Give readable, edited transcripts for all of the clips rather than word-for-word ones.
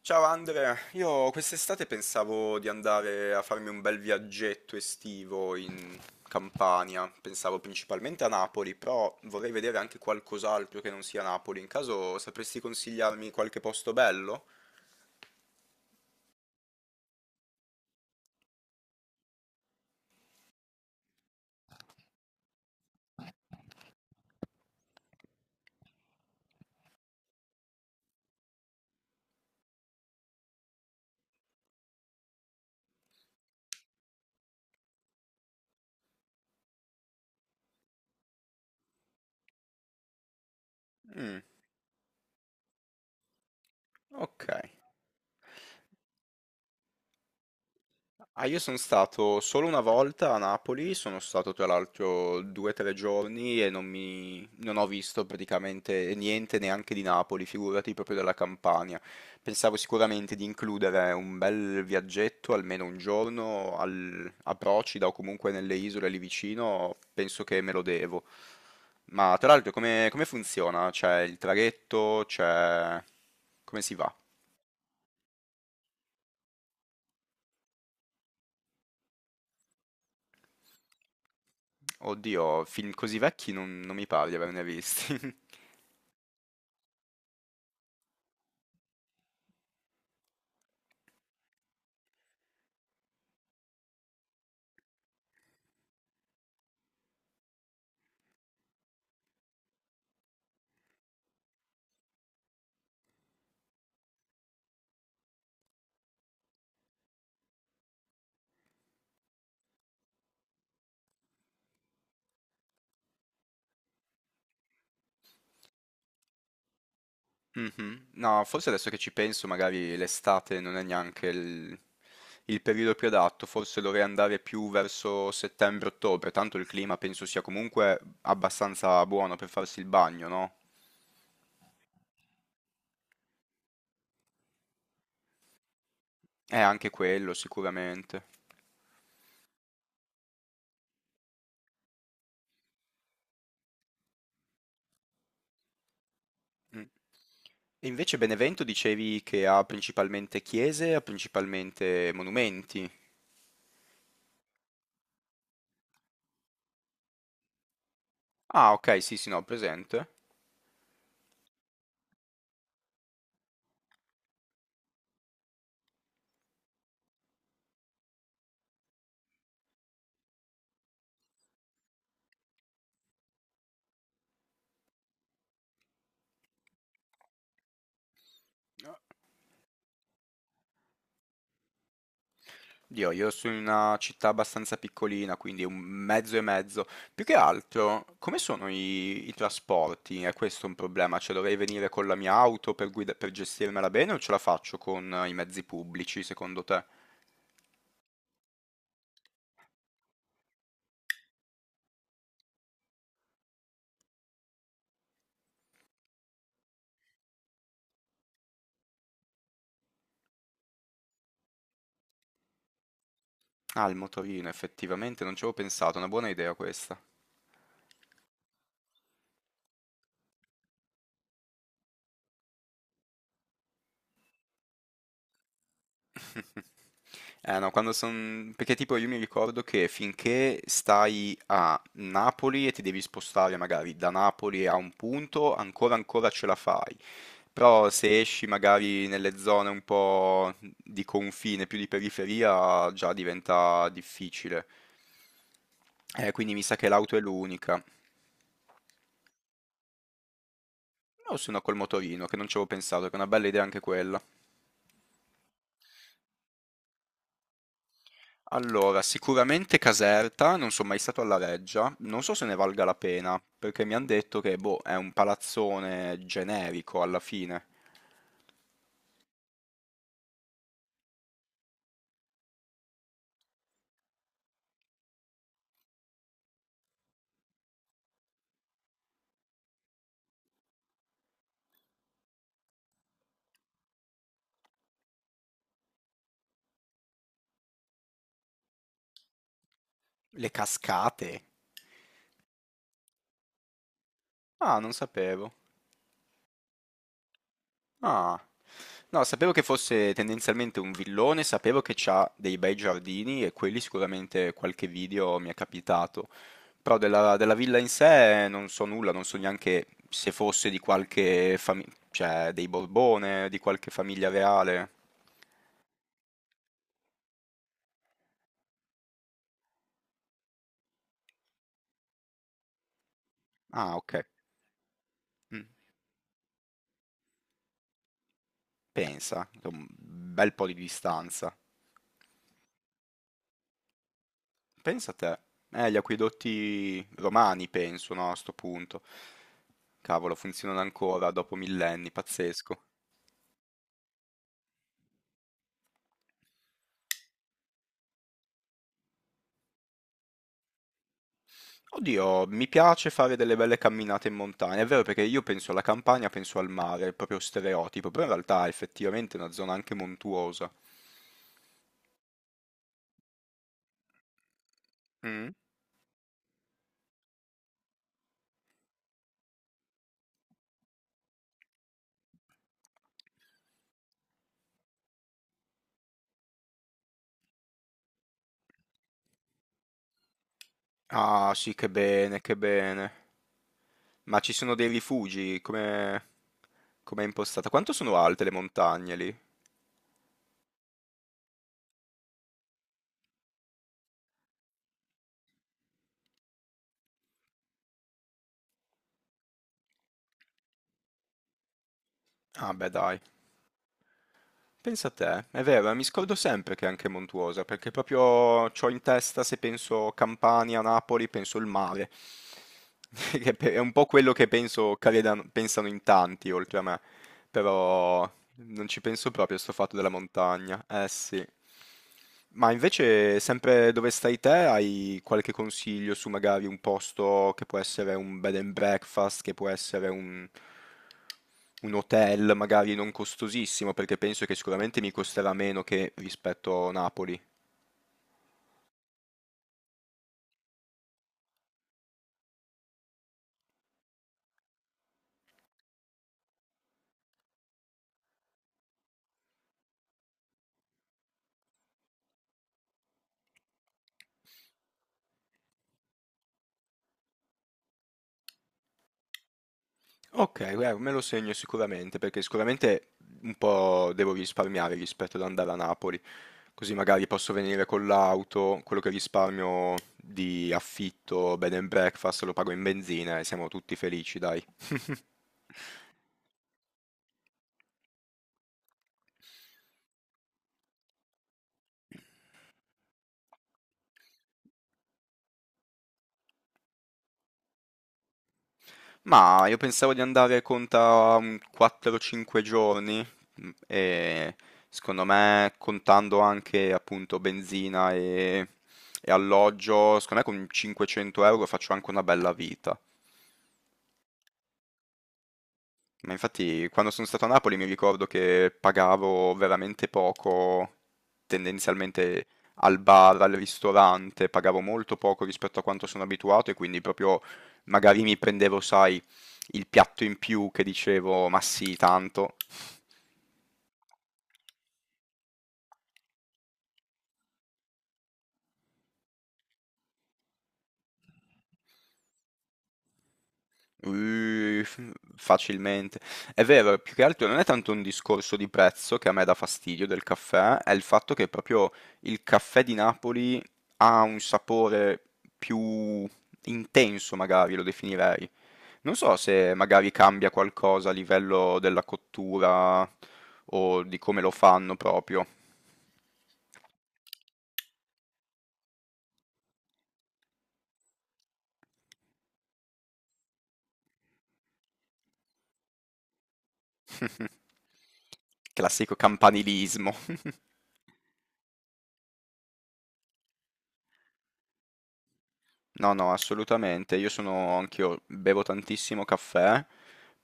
Ciao Andrea, io quest'estate pensavo di andare a farmi un bel viaggetto estivo in Campania, pensavo principalmente a Napoli, però vorrei vedere anche qualcos'altro che non sia Napoli. In caso sapresti consigliarmi qualche posto bello? Mm, ok. Ah, io sono stato solo una volta a Napoli, sono stato tra l'altro due o tre giorni e non ho visto praticamente niente neanche di Napoli, figurati proprio della Campania. Pensavo sicuramente di includere un bel viaggetto, almeno un giorno a Procida o comunque nelle isole lì vicino, penso che me lo devo. Ma tra l'altro come funziona? C'è il traghetto, c'è come si va? Oddio, film così vecchi non mi pare di averne visti. Mh-mh. No, forse adesso che ci penso magari l'estate non è neanche il periodo più adatto, forse dovrei andare più verso settembre-ottobre, tanto il clima penso sia comunque abbastanza buono per farsi il bagno, no? Anche quello sicuramente. Mh. E invece Benevento dicevi che ha principalmente chiese, ha principalmente monumenti. Ah, ok, sì, sì, no, ho presente. Dio, io sono in una città abbastanza piccolina, quindi un mezzo e mezzo. Più che altro, come sono i trasporti? È questo un problema? Cioè, dovrei venire con la mia auto per per gestirmela bene o ce la faccio con i mezzi pubblici, secondo te? Ah, il motorino, effettivamente, non ci avevo pensato, una buona idea questa. Eh no, quando son perché tipo io mi ricordo che finché stai a Napoli e ti devi spostare magari da Napoli a un punto, ancora ce la fai. Però se esci magari nelle zone un po' di confine, più di periferia, già diventa difficile. Quindi mi sa che l'auto è l'unica. O se no col motorino, che non ci avevo pensato, che è una bella idea anche quella. Allora, sicuramente Caserta, non sono mai stato alla Reggia, non so se ne valga la pena, perché mi hanno detto che, boh, è un palazzone generico alla fine. Le cascate? Ah, non sapevo. Ah, no, sapevo che fosse tendenzialmente un villone, sapevo che c'ha dei bei giardini e quelli sicuramente qualche video mi è capitato. Però della villa in sé non so nulla, non so neanche se fosse di qualche famiglia, cioè dei Borbone, di qualche famiglia reale. Ah, ok. Mm, pensa, un bel po' di distanza. Pensa a te. Gli acquedotti romani, penso, no, a sto punto. Cavolo, funzionano ancora dopo millenni, pazzesco. Oddio, mi piace fare delle belle camminate in montagna, è vero perché io penso alla campagna, penso al mare, è proprio stereotipo, però in realtà è effettivamente è una zona anche montuosa. Mm? Ah, sì, che bene, che bene. Ma ci sono dei rifugi, come com'è impostata? Quanto sono alte le montagne lì? Ah beh dai, pensa a te, è vero, mi scordo sempre che è anche montuosa, perché proprio ho in testa, se penso Campania, Napoli, penso il mare, che è un po' quello che penso, che pensano in tanti, oltre a me. Però non ci penso proprio a sto fatto della montagna. Eh sì. Ma invece, sempre dove stai te, hai qualche consiglio su magari un posto che può essere un bed and breakfast, che può un hotel magari non costosissimo, perché penso che sicuramente mi costerà meno che rispetto a Napoli. Ok, me lo segno sicuramente, perché sicuramente un po' devo risparmiare rispetto ad andare a Napoli, così magari posso venire con l'auto, quello che risparmio di affitto, bed and breakfast, lo pago in benzina e siamo tutti felici, dai. Ma io pensavo di andare conta un 4-5 giorni mm, e secondo me contando anche appunto e alloggio, secondo me con 500 € faccio anche una bella vita. Ma infatti quando sono stato a Napoli mi ricordo che pagavo veramente poco, tendenzialmente al bar, al ristorante, pagavo molto poco rispetto a quanto sono abituato e quindi proprio magari mi prendevo, sai, il piatto in più che dicevo, ma sì, tanto. F- facilmente. È vero, più che altro non è tanto un discorso di prezzo che a me dà fastidio del caffè, è il fatto che proprio il caffè di Napoli ha un sapore più intenso, magari lo definirei. Non so se magari cambia qualcosa a livello della cottura o di come lo fanno proprio. Classico campanilismo. No, no, assolutamente. Io sono anch'io, bevo tantissimo caffè,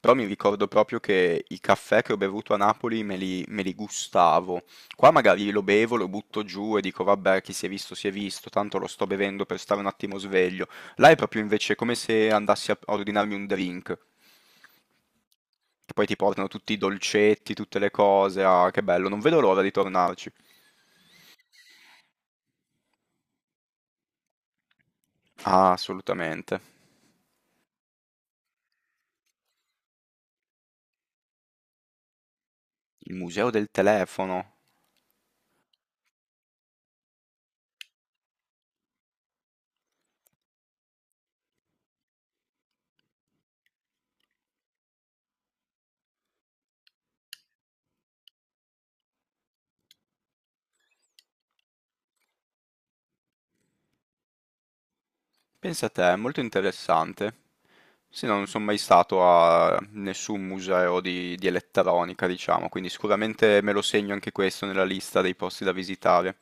però mi ricordo proprio che i caffè che ho bevuto a Napoli me li gustavo. Qua magari lo bevo, lo butto giù e dico vabbè, chi si è visto, tanto lo sto bevendo per stare un attimo sveglio. Là è proprio invece come se andassi a ordinarmi un drink. Che poi ti portano tutti i dolcetti, tutte le cose. Ah, che bello, non vedo l'ora di tornarci. Ah, assolutamente. Il museo del telefono. Pensa te, è molto interessante. Sì, no, non sono mai stato a nessun museo di elettronica, diciamo, quindi sicuramente me lo segno anche questo nella lista dei posti da visitare.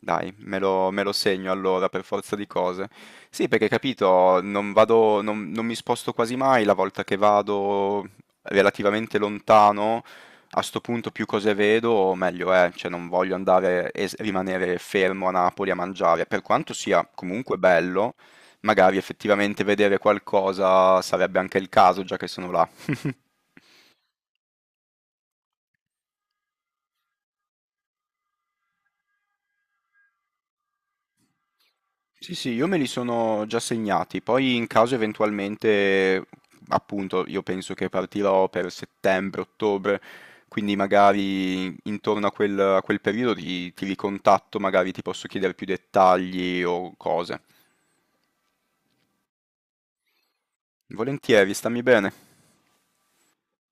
Dai, me lo segno allora per forza di cose. Sì, perché capito, non vado, non mi sposto quasi mai la volta che vado relativamente lontano, a sto punto più cose vedo, meglio è, cioè non voglio andare e rimanere fermo a Napoli a mangiare, per quanto sia comunque bello, magari effettivamente vedere qualcosa sarebbe anche il caso, già che sono là. Sì, sì, io me li sono già segnati, poi in caso eventualmente, appunto, io penso che partirò per settembre, ottobre, quindi magari intorno a a quel periodo ti ricontatto, magari ti posso chiedere più dettagli o cose. Volentieri, stammi bene.